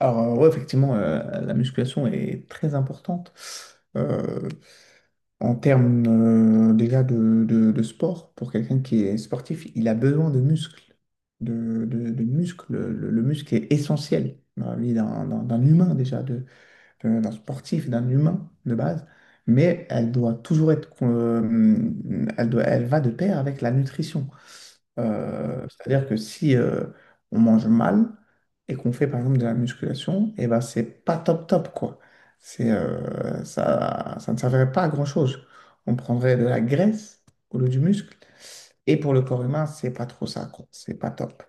Ouais, effectivement, la musculation est très importante euh, en termes déjà de sport. Pour quelqu'un qui est sportif, il a besoin de muscles, de muscles. Le muscle est essentiel dans la vie d'un humain déjà, de, d'un sportif, d'un humain de base, mais elle doit toujours être, elle doit, elle va de pair avec la nutrition. C'est-à-dire que si on mange mal et qu'on fait par exemple de la musculation, et ben c'est pas top top quoi. C'est ça, ça ne servirait pas à grand-chose. On prendrait de la graisse au lieu du muscle. Et pour le corps humain, c'est pas trop ça, quoi. C'est pas top.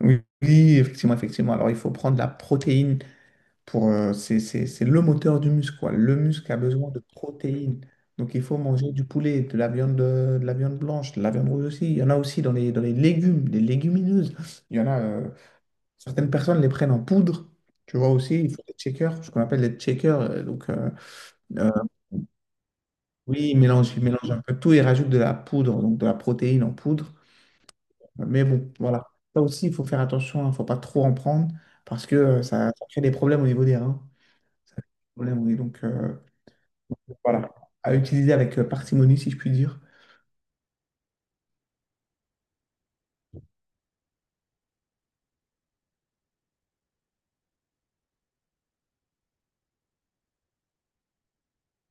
Oui, oui, effectivement, effectivement. Alors, il faut prendre de la protéine pour, c'est le moteur du muscle, quoi. Le muscle a besoin de protéines. Donc, il faut manger du poulet, de, la viande blanche, de la viande rouge aussi. Il y en a aussi dans les légumes, les légumineuses. Il y en a, certaines personnes les prennent en poudre. Tu vois aussi, ils font des shakers, ce qu'on appelle les shakers. Donc, euh, oui, ils mélangent un peu tout, ils rajoutent de la poudre, donc de la protéine en poudre. Mais bon, voilà. Ça aussi, il faut faire attention, il ne faut pas trop en prendre parce que ça, ça crée des problèmes au niveau des reins. Ça crée des problèmes, oui. Voilà. À utiliser avec parcimonie, si je puis dire.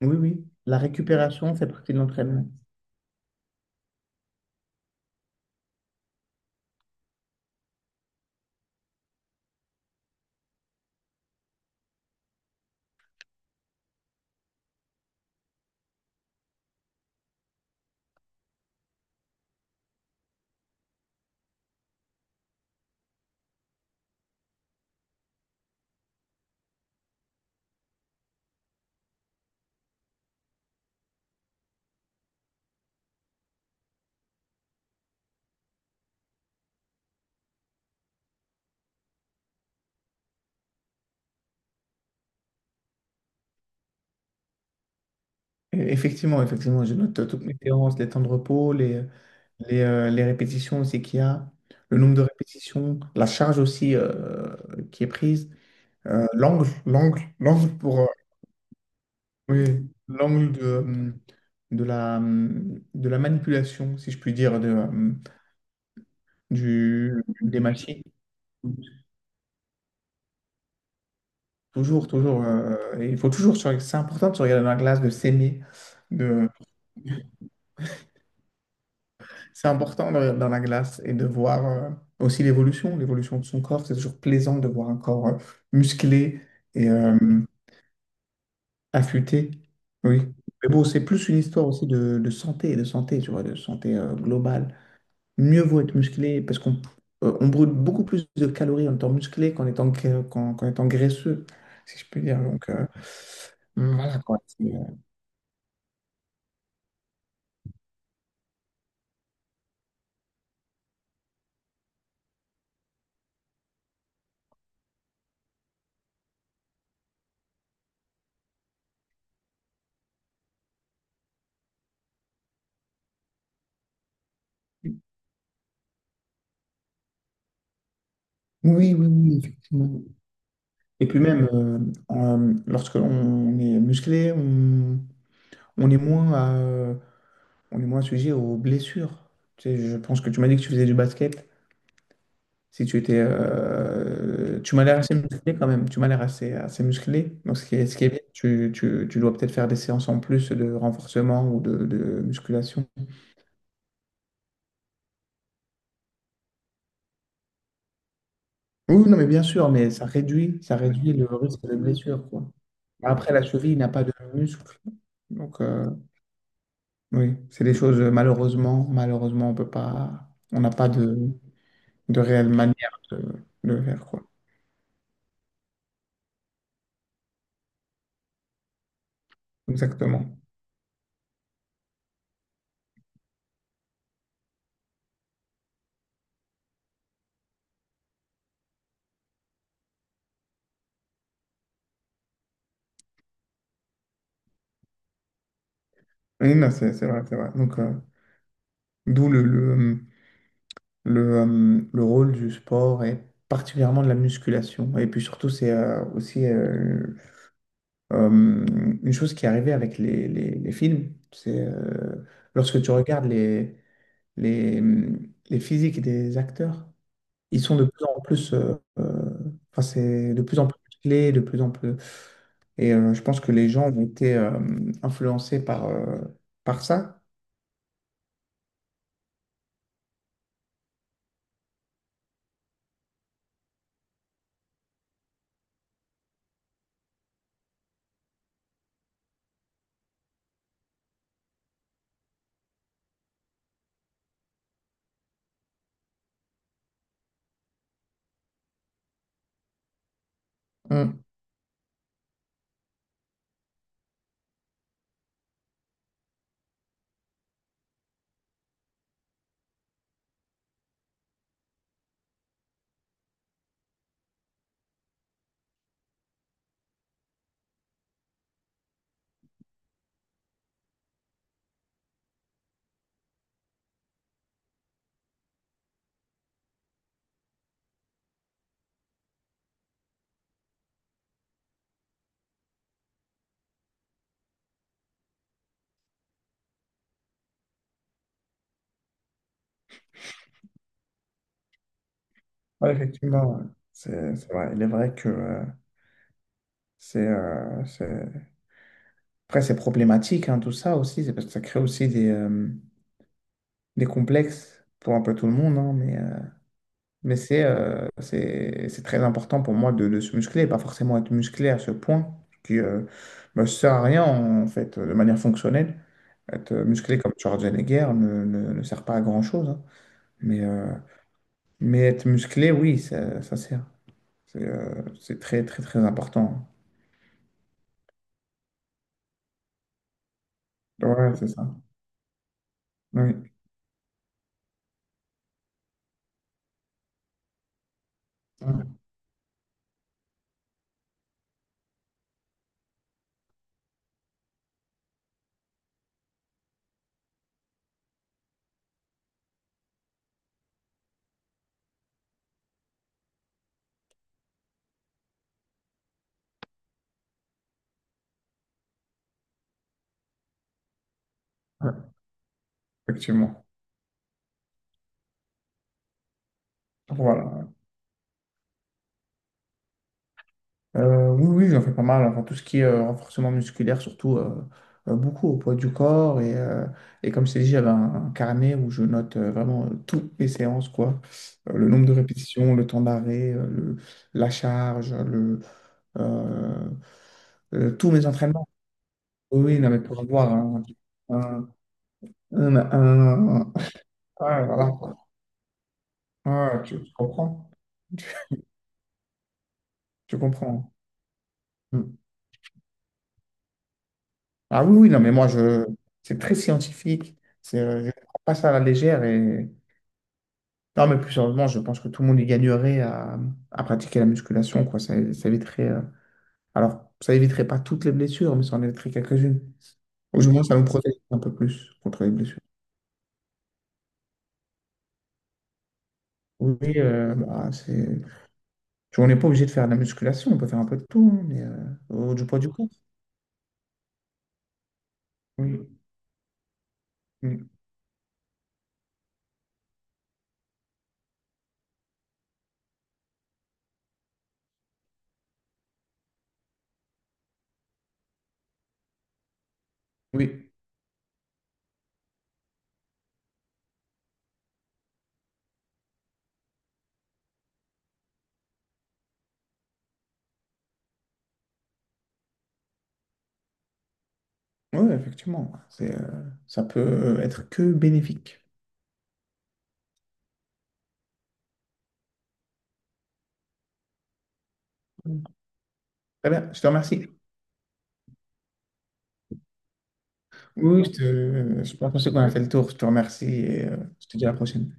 Oui, oui. La récupération fait partie de l'entraînement. Effectivement, effectivement, je note toutes mes séances, les temps de repos, les répétitions aussi qu'il y a, le nombre de répétitions, la charge aussi qui est prise, l'angle pour, oui, l'angle de la manipulation, si je puis dire, du, des machines. Toujours, toujours. Et il faut toujours. C'est important de se regarder dans la glace, de s'aimer. De... C'est important de regarder dans la glace et de voir aussi l'évolution, l'évolution de son corps. C'est toujours plaisant de voir un corps musclé et affûté. Oui. Mais bon, c'est plus une histoire aussi de santé, tu vois, de santé globale. Mieux vaut être musclé parce qu'on on brûle beaucoup plus de calories en étant musclé qu'en étant, qu'en étant graisseux, si je peux dire. Voilà quoi. Oui, oui, oui, effectivement. Et puis même, lorsque l'on est musclé, on, on est moins à- on est moins sujet aux blessures. Tu sais, je pense que tu m'as dit que tu faisais du basket. Si tu étais, tu m'as l'air assez musclé quand même. Tu m'as l'air assez, assez musclé. Donc ce qui est bien, tu dois peut-être faire des séances en plus de renforcement ou de musculation. Oui, non, mais bien sûr, mais ça réduit le risque de blessure, quoi. Après, la cheville n'a pas de muscle. Donc, euh, Oui, c'est des choses, malheureusement, malheureusement, on peut pas, on n'a pas de, de réelle manière de le faire, quoi. Exactement. Oui, non, c'est vrai, c'est vrai. D'où le rôle du sport et particulièrement de la musculation. Et puis surtout, c'est aussi euh, une chose qui est arrivée avec les films. C'est lorsque tu regardes les, les physiques des acteurs, ils sont de plus en plus, enfin, c'est de plus en plus clés, de plus en plus. Et je pense que les gens ont été influencés par, par ça. Mm. Ouais, effectivement, ouais. C'est vrai. Il est vrai que c'est, euh, c'est- après, c'est problématique, hein, tout ça aussi, c'est parce que ça crée aussi des complexes pour un peu tout le monde, hein, mais mais c'est c'est très important pour moi de se muscler, pas forcément être musclé à ce point, qui ne sert à rien en fait, de manière fonctionnelle. Être musclé comme Schwarzenegger ne, ne, ne sert pas à grand-chose. Hein. Mais, euh, mais être musclé, oui, ça sert. C'est très, très, très important. Ouais, c'est ça. Oui, ouais, ouais, effectivement. Voilà. Oui, oui, j'en fais pas mal. Enfin, tout ce qui est renforcement musculaire, surtout beaucoup au poids du corps. Et comme je t'ai dit, j'avais un carnet où je note vraiment toutes mes séances, quoi. Le nombre de répétitions, le temps d'arrêt, la charge, euh, tous mes entraînements. Oui, oui, non, mais pour avoir un, un- un- un- ah, voilà, quoi. Ah, tu comprends? Tu comprends. Ah oui, oui, non, mais moi, je... c'est très scientifique. Je ne prends pas ça à la légère. Et... Non, mais plus sérieusement, je pense que tout le monde y gagnerait à pratiquer la musculation, quoi. Ça éviterait. Alors, ça éviterait pas toutes les blessures, mais ça en éviterait quelques-unes. Au moins, ça nous protège un peu plus contre les blessures. Oui, bah, c'est... tu vois, on n'est pas obligé de faire de la musculation, on peut faire un peu de tout, hein, mais, du poids du corps. Oui, mm, oui, oui, effectivement. Ça peut être que bénéfique. Très bien, je te remercie. Oui, je pense qu'on a fait le tour. Je te remercie et je te dis à la prochaine.